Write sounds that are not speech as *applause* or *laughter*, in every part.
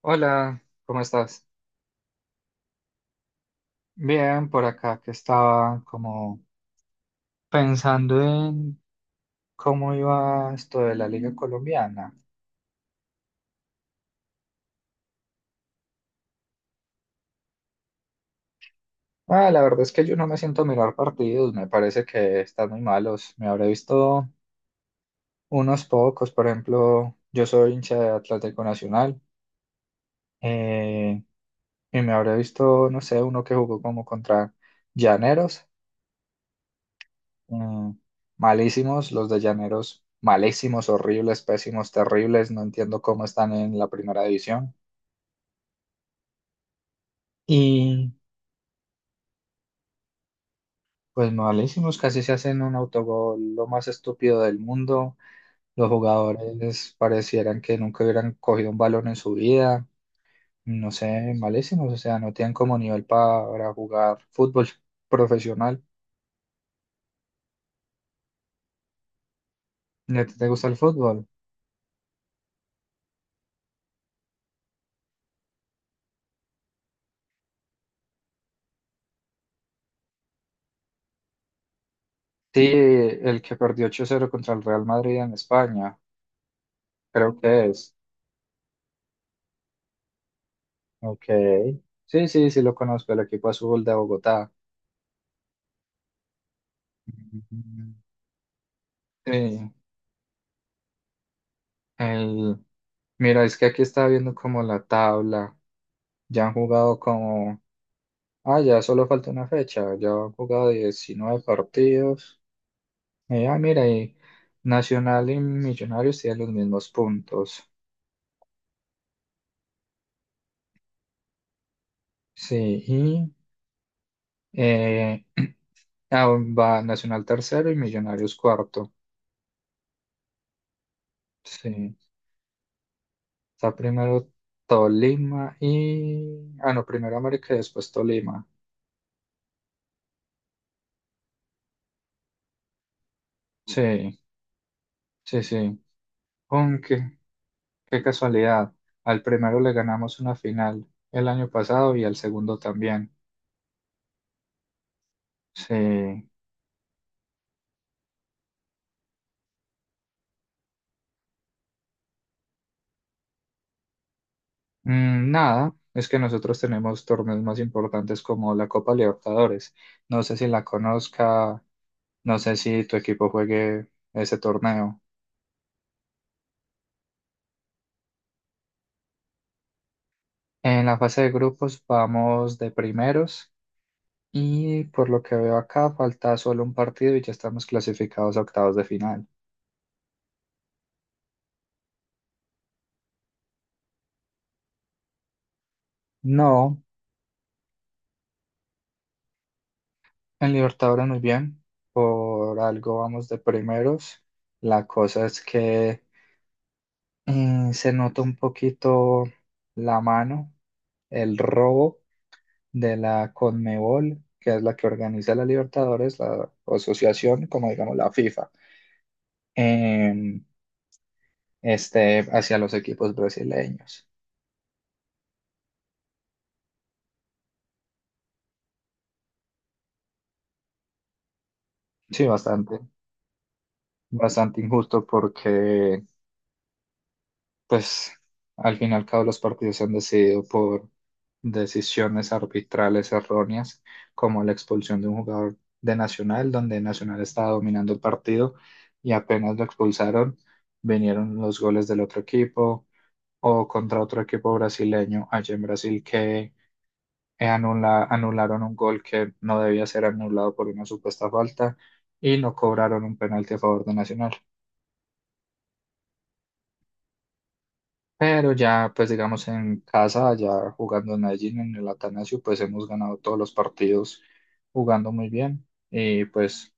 Hola, ¿cómo estás? Bien, por acá que estaba como pensando en cómo iba esto de la Liga Colombiana. Ah, la verdad es que yo no me siento a mirar partidos, me parece que están muy malos. Me habré visto unos pocos, por ejemplo, yo soy hincha de Atlético Nacional eh, y me habré visto, no sé, uno que jugó como contra Llaneros Mm, Malísimos, los de Llaneros, malísimos, horribles, pésimos, terribles. No entiendo cómo están en la primera división. Y pues malísimos, casi se hacen un autogol, lo más estúpido del mundo. Los jugadores parecieran que nunca hubieran cogido un balón en su vida. No sé, malísimos, o sea, no tienen como nivel para jugar fútbol profesional. ¿Y a ti te gusta el fútbol? Sí, el que perdió 8-0 contra el Real Madrid en España, creo que es. Ok. Sí, sí, sí lo conozco, el equipo azul de Bogotá. Mm. Sí, el... Mira, es que aquí estaba viendo como la tabla. Ya han jugado como... Ah, ya solo falta una fecha. Ya han jugado 19 partidos. Y, ah, mira, y Nacional y Millonarios tienen los mismos puntos. Sí, y... eh, ah, va Nacional tercero y Millonarios cuarto. Sí. Está primero Tolima y... Ah, no, primero América y después Tolima. Sí, sí, sí. Aunque, qué casualidad. Al primero le ganamos una final el año pasado y al segundo también. Sí. Mm, nada, es que nosotros tenemos torneos más importantes como la Copa Libertadores. No sé si la conozca, no sé si tu equipo juegue ese torneo. En la fase de grupos vamos de primeros. Y por lo que veo acá, falta solo un partido y ya estamos clasificados a octavos de final. No, en Libertadores muy bien. Por algo vamos de primeros. La cosa es que se nota un poquito la mano, el robo de la Conmebol, que es la que organiza la Libertadores, la asociación, como digamos la FIFA, em, hacia los equipos brasileños. Sí, bastante, bastante injusto porque pues al fin y al cabo los partidos se han decidido por decisiones arbitrales erróneas, como la expulsión de un jugador de Nacional, donde Nacional estaba dominando el partido y apenas lo expulsaron, vinieron los goles del otro equipo o contra otro equipo brasileño allá en Brasil que anularon un gol que no debía ser anulado por una supuesta falta y no cobraron un penalti a favor de Nacional. Pero ya, pues digamos, en casa, ya jugando en Medellín, en el Atanasio, pues hemos ganado todos los partidos jugando muy bien. Y pues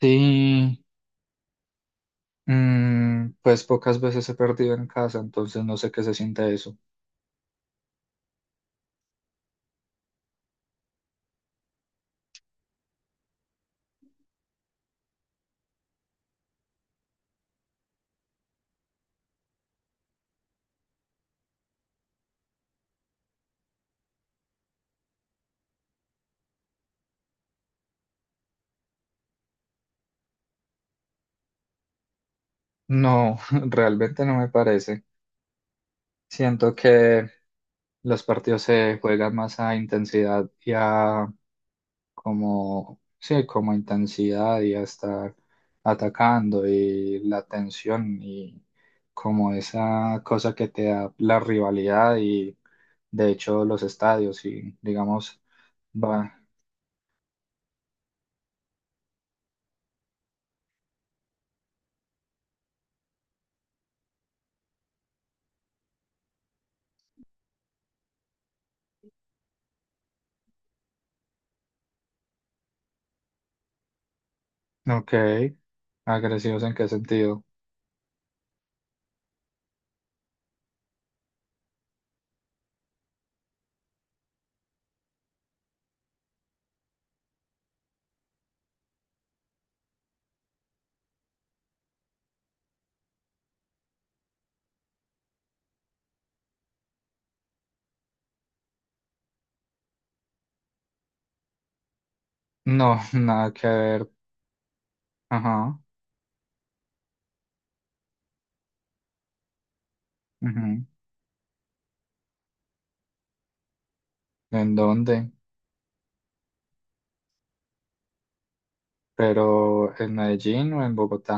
sí, pues pocas veces he perdido en casa, entonces no sé qué se siente eso. No, *laughs* realmente no me parece. Siento que los partidos se juegan más a intensidad y a como, sí, como intensidad y hasta atacando y la tensión y como esa cosa que te da la rivalidad y de hecho los estadios y digamos, va, ok, ¿agresivos en qué sentido? No, *laughs* nada que ver, ajá, ujú. ¿En dónde? Pero ¿en Medellín o en Bogotá?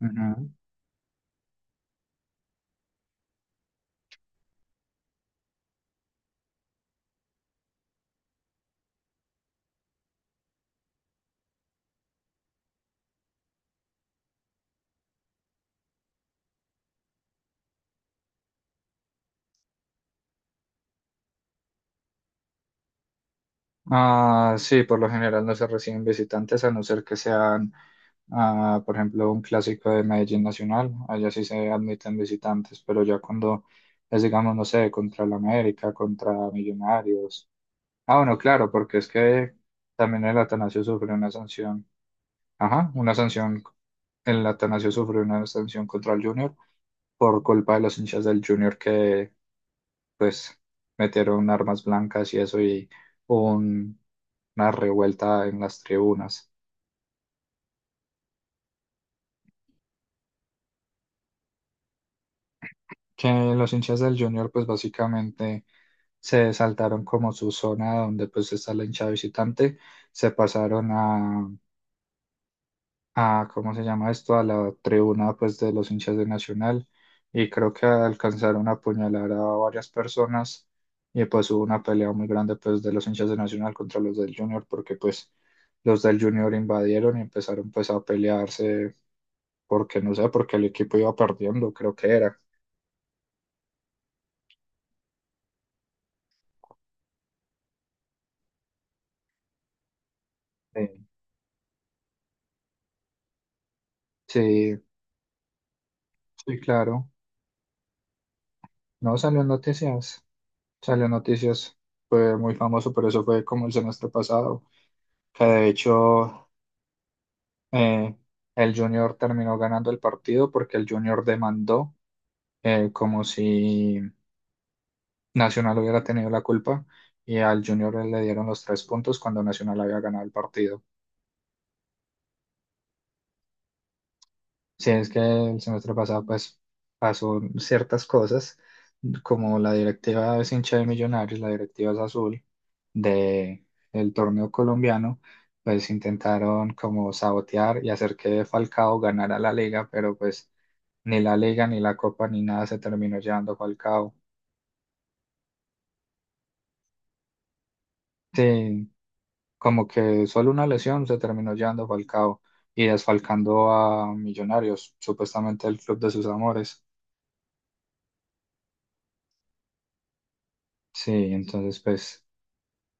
Ujú. Ah, sí, por lo general no se reciben visitantes a no ser que sean, ah, por ejemplo, un clásico de Medellín Nacional. Allá sí se admiten visitantes, pero ya cuando es, digamos, no sé, contra el América, contra Millonarios. Ah, bueno, claro, porque es que también el Atanasio sufrió una sanción. Ajá, una sanción. El Atanasio sufrió una sanción contra el Junior por culpa de los hinchas del Junior que pues metieron armas blancas y eso y hubo una revuelta en las tribunas. Que los hinchas del Junior pues básicamente se saltaron como su zona donde pues está la hinchada visitante, se pasaron a, ¿cómo se llama esto? A la tribuna pues de los hinchas de Nacional y creo que alcanzaron a apuñalar a varias personas y pues hubo una pelea muy grande pues de los hinchas de Nacional contra los del Junior porque pues los del Junior invadieron y empezaron pues a pelearse porque no sé, porque el equipo iba perdiendo, creo que era. Sí, sí, sí, claro. No salió en noticias. Salió en noticias. Fue muy famoso, pero eso fue como el semestre pasado. Que de hecho eh, el Junior terminó ganando el partido porque el Junior demandó como si Nacional hubiera tenido la culpa y al Junior le dieron los 3 puntos cuando Nacional había ganado el partido. Sí, es que el semestre pasado pues pasó ciertas cosas, como la directiva es hincha de Millonarios, la directiva es azul de el torneo colombiano, pues intentaron como sabotear y hacer que Falcao ganara la liga, pero pues ni la liga ni la copa ni nada se terminó llevando Falcao. Sí, como que solo una lesión se terminó llevando Falcao y desfalcando a Millonarios, supuestamente el club de sus amores. Sí, entonces pues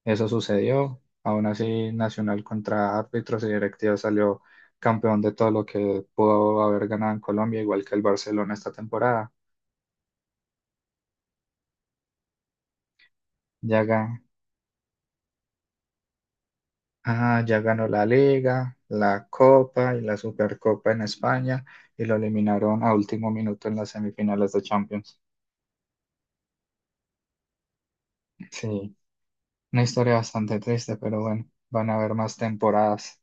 eso sucedió. Aún así, Nacional contra árbitros y directivos salió campeón de todo lo que pudo haber ganado en Colombia, igual que el Barcelona esta temporada. Ya, ga- ya ganó la Liga, la Copa y la Supercopa en España y lo eliminaron a último minuto en las semifinales de Champions. Sí, una historia bastante triste, pero bueno, van a haber más temporadas.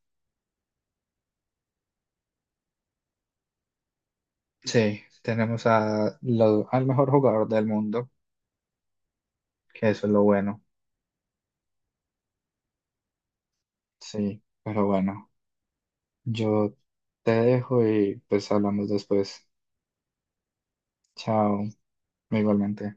Sí, tenemos a al mejor jugador del mundo, que eso es lo bueno. Sí, pero bueno. Yo te dejo y pues hablamos después. Chao, igualmente.